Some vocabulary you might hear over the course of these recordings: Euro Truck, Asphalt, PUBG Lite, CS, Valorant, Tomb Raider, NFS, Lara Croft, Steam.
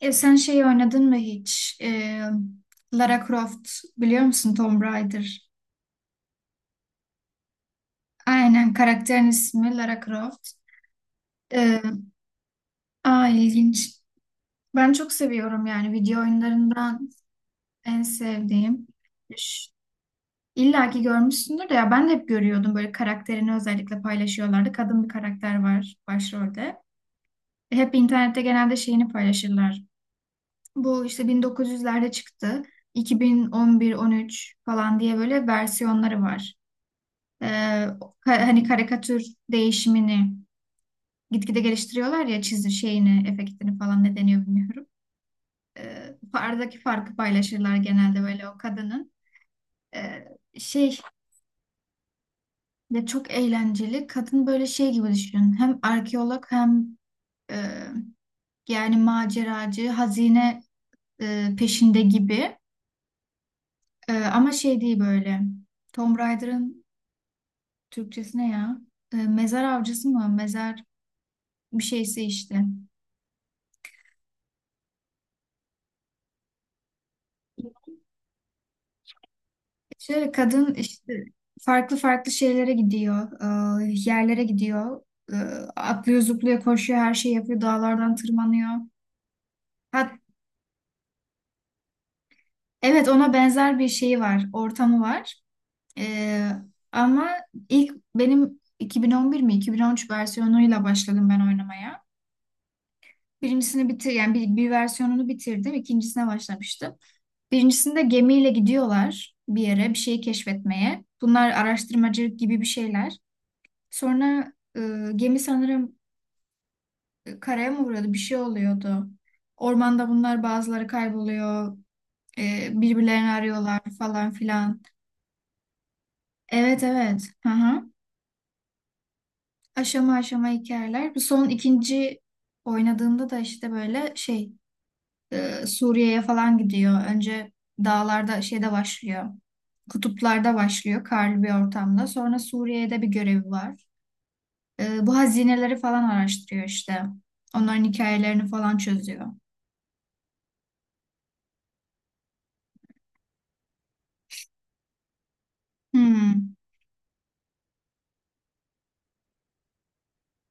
Sen şeyi oynadın mı hiç? Lara Croft biliyor musun Tomb Raider? Aynen karakterin ismi Lara Croft. E, Aa ilginç. Ben çok seviyorum, yani video oyunlarından en sevdiğim. Ş- İlla ki görmüşsündür de, ya ben de hep görüyordum, böyle karakterini özellikle paylaşıyorlardı. Kadın bir karakter var başrolde. Hep internette genelde şeyini paylaşırlar. Bu işte 1900'lerde çıktı. 2011-13 falan diye böyle versiyonları var. Ee, Hani karikatür değişimini gitgide geliştiriyorlar ya, çizim şeyini, efektini falan, ne deniyor bilmiyorum. Aradaki farkı paylaşırlar genelde böyle, o kadının. Ee, Şey de çok eğlenceli. Kadın böyle şey gibi düşünün. Hem arkeolog, hem e, yani maceracı, hazine peşinde gibi. Ama şey değil böyle. Tomb Raider'ın Türkçesi ne ya? Mezar avcısı mı? Mezar bir şeyse işte. Şöyle kadın işte farklı farklı şeylere gidiyor, yerlere gidiyor, E, atlıyor, zıplıyor, koşuyor, her şeyi yapıyor, dağlardan tırmanıyor. Hat, evet, ona benzer bir şeyi var, ortamı var. E, ama ilk, benim 2011 mi 2013 versiyonuyla başladım ben oynamaya. Yani bir versiyonunu bitirdim, ikincisine başlamıştım. Birincisinde gemiyle gidiyorlar bir yere, bir şeyi keşfetmeye. Bunlar araştırmacı gibi bir şeyler. Sonra gemi sanırım karaya mı vuruyordu? Bir şey oluyordu. Ormanda bunlar, bazıları kayboluyor. Birbirlerini arıyorlar falan filan. Evet, evet. Hı hı. Aşama aşama hikayeler. Bu son ikinci oynadığımda da işte böyle şey, Suriye'ye falan gidiyor. Önce dağlarda şeyde başlıyor. Kutuplarda başlıyor, karlı bir ortamda. Sonra Suriye'de bir görevi var. Bu hazineleri falan araştırıyor işte. Onların hikayelerini falan çözüyor. Hmm.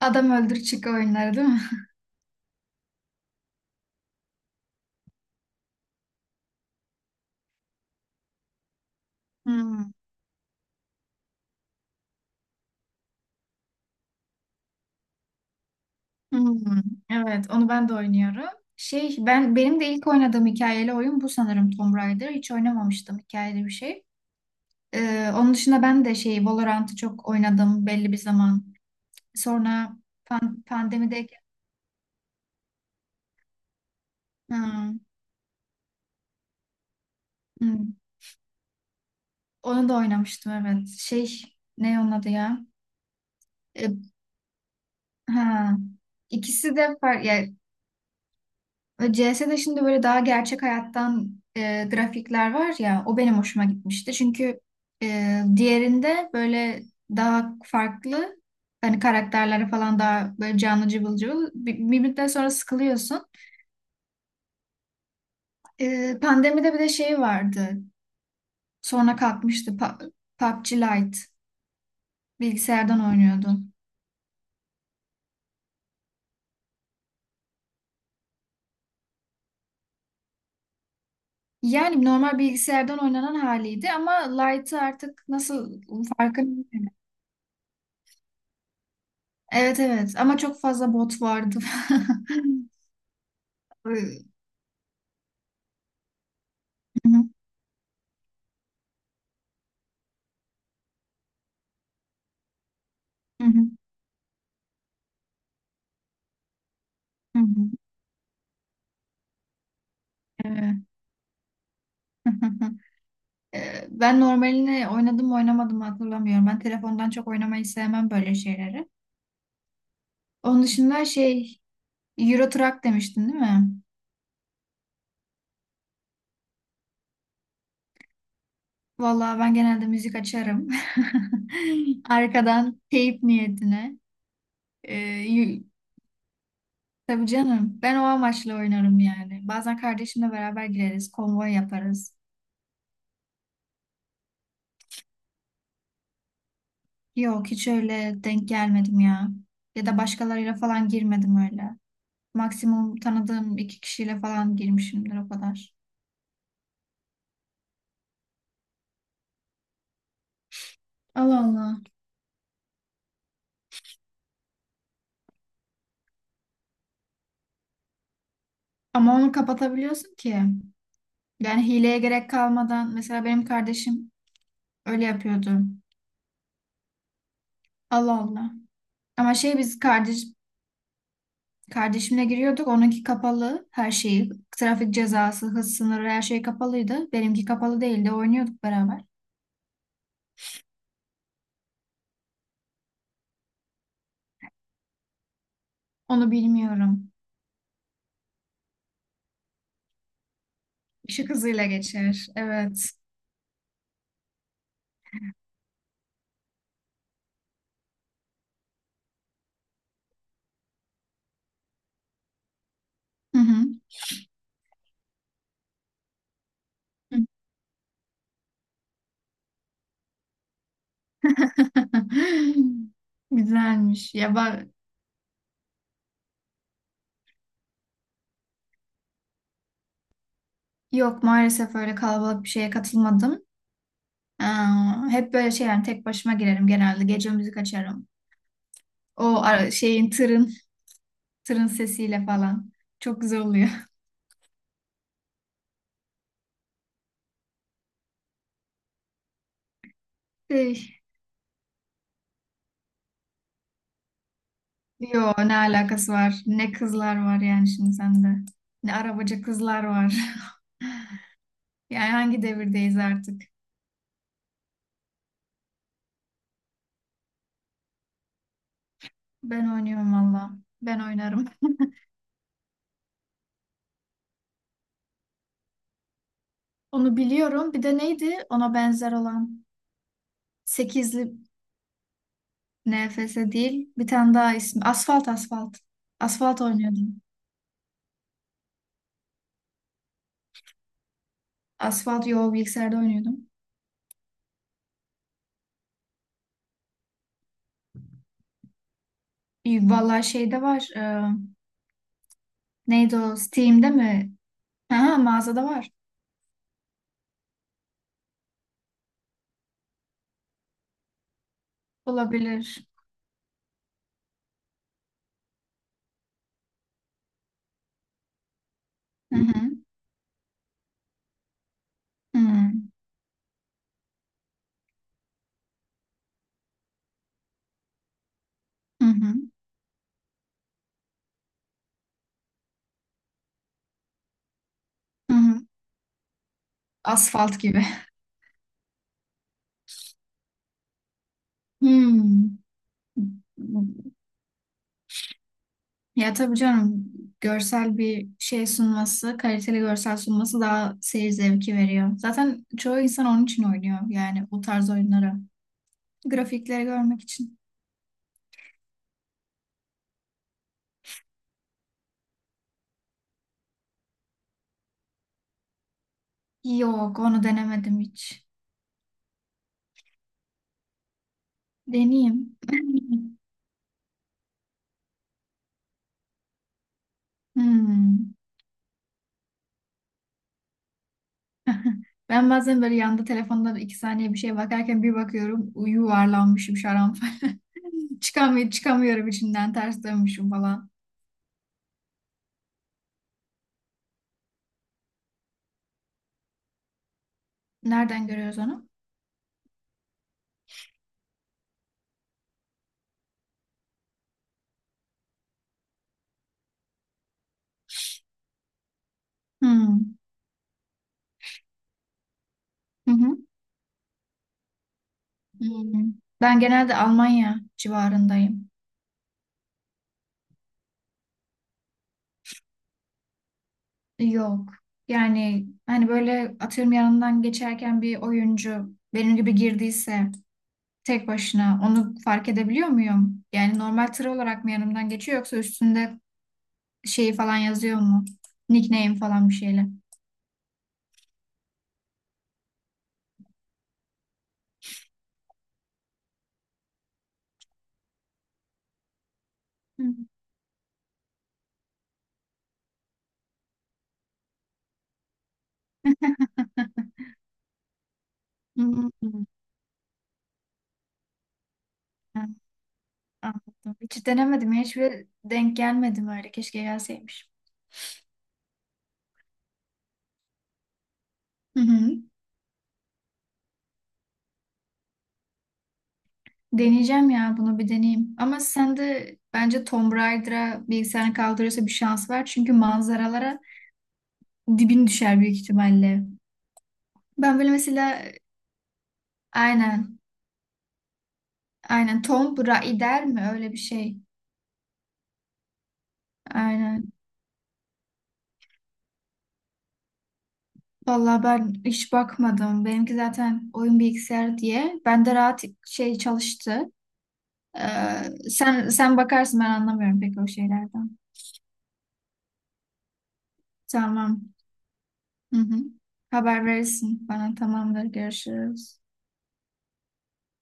Adam öldür çık oyunları değil mi? Hmm. Hmm. Evet, onu ben de oynuyorum. Şey, benim de ilk oynadığım hikayeli oyun bu sanırım, Tomb Raider. Hiç oynamamıştım hikayeli bir şey. Onun dışında ben de şey, Valorant'ı çok oynadım belli bir zaman. Sonra pandemideyken Hmm. Hmm. Onu da oynamıştım evet. Şey, ne onun adı ya? Ee, ha. İkisi de var. CS'de şimdi böyle daha gerçek hayattan grafikler var ya, o benim hoşuma gitmişti. Çünkü diğerinde böyle daha farklı, hani karakterlere falan, daha böyle canlı cıvıl cıvıl, bir müddet sonra sıkılıyorsun. Pandemide bir de şey vardı, sonra kalkmıştı. PUBG Lite, bilgisayardan oynuyordu. Yani normal bilgisayardan oynanan haliydi, ama Lite'ı artık nasıl, farkını bilmiyorum. Evet, evet, ama çok fazla bot vardı. Iı, Hı hı, hı hı, hı hı. Evet. Ben normalini oynadım mı oynamadım mı hatırlamıyorum. Ben telefondan çok oynamayı sevmem böyle şeyleri. Onun dışında şey, Euro Truck demiştin değil mi? Vallahi ben genelde müzik açarım. Arkadan, teyp niyetine. Ee, y- tabii canım, ben o amaçla oynarım yani. Bazen kardeşimle beraber gireriz, konvoy yaparız. Yok, hiç öyle denk gelmedim ya. Ya da başkalarıyla falan girmedim öyle. Maksimum tanıdığım iki kişiyle falan girmişimdir, o kadar. Allah Allah. Ama onu kapatabiliyorsun ki. Yani hileye gerek kalmadan, mesela benim kardeşim öyle yapıyordu. Allah Allah. Ama şey, biz kardeşimle giriyorduk. Onunki kapalı her şeyi. Trafik cezası, hız sınırı, her şey kapalıydı. Benimki kapalı değildi. Oynuyorduk beraber. Onu bilmiyorum. Işık hızıyla geçer. Evet. Hı hı. Güzelmiş. Ya bak. Yok, maalesef öyle kalabalık bir şeye katılmadım. Ee, Hep böyle şey, yani tek başıma girerim genelde. Gece müzik açarım. Şeyin tırın, tırın sesiyle falan. Çok güzel oluyor. Şey, yo ne alakası var? Ne kızlar var yani şimdi sende. Ne arabacı kızlar var. Yani hangi devirdeyiz artık? Ben oynuyorum valla. Ben oynarım. Onu biliyorum. Bir de neydi ona benzer olan? Sekizli NFS değil. Bir tane daha ismi. Asfalt, asfalt. Asfalt oynuyordum. Asfalt, yo bilgisayarda oynuyordum. İyi. Vallahi şeyde var, neydi o? Steam'de mi? Ha, mağazada var. Olabilir. Hı hı. Hı hı. Hı hı. Asfalt gibi. Hmm. Ya tabii canım, görsel bir şey sunması, kaliteli görsel sunması, daha seyir zevki veriyor. Zaten çoğu insan onun için oynuyor, yani o tarz oyunları. Grafikleri görmek için. Yok, onu denemedim hiç. Deneyeyim. Hmm. Ben bazen böyle yanda telefonda 2 saniye bir şey bakarken, bir bakıyorum yuvarlanmışım şaranfa. Çıkamıyorum, çıkamıyorum içinden, ters dönmüşüm falan. Nereden görüyoruz onu? Hmm. Hı hı. Hmm. Ben genelde Almanya civarındayım. Yok. Yani hani, böyle atıyorum yanından geçerken bir oyuncu benim gibi girdiyse, tek başına onu fark edebiliyor muyum? Yani normal tır olarak mı yanımdan geçiyor, yoksa üstünde şeyi falan yazıyor mu? Nickname falan bir şeyle. Hmm. Hmm. An- Anladım. Hiç denemedim ya. Hiçbir denk gelmedim öyle. Keşke gelseymiş. Hı hı. Deneyeceğim ya, bunu bir deneyeyim. Ama sen de bence Tomb Raider'a bilgisayarını kaldırıyorsa, bir şans var. Çünkü manzaralara dibin düşer büyük ihtimalle. Ben böyle mesela, aynen, aynen Tomb Raider mi, öyle bir şey. Aynen. Vallahi ben hiç bakmadım. Benimki zaten oyun bilgisayarı diye. Bende rahat şey çalıştı. Sen bakarsın, ben anlamıyorum pek o şeylerden. Tamam. Hı hı. Haber verirsin bana. Tamamdır. Görüşürüz.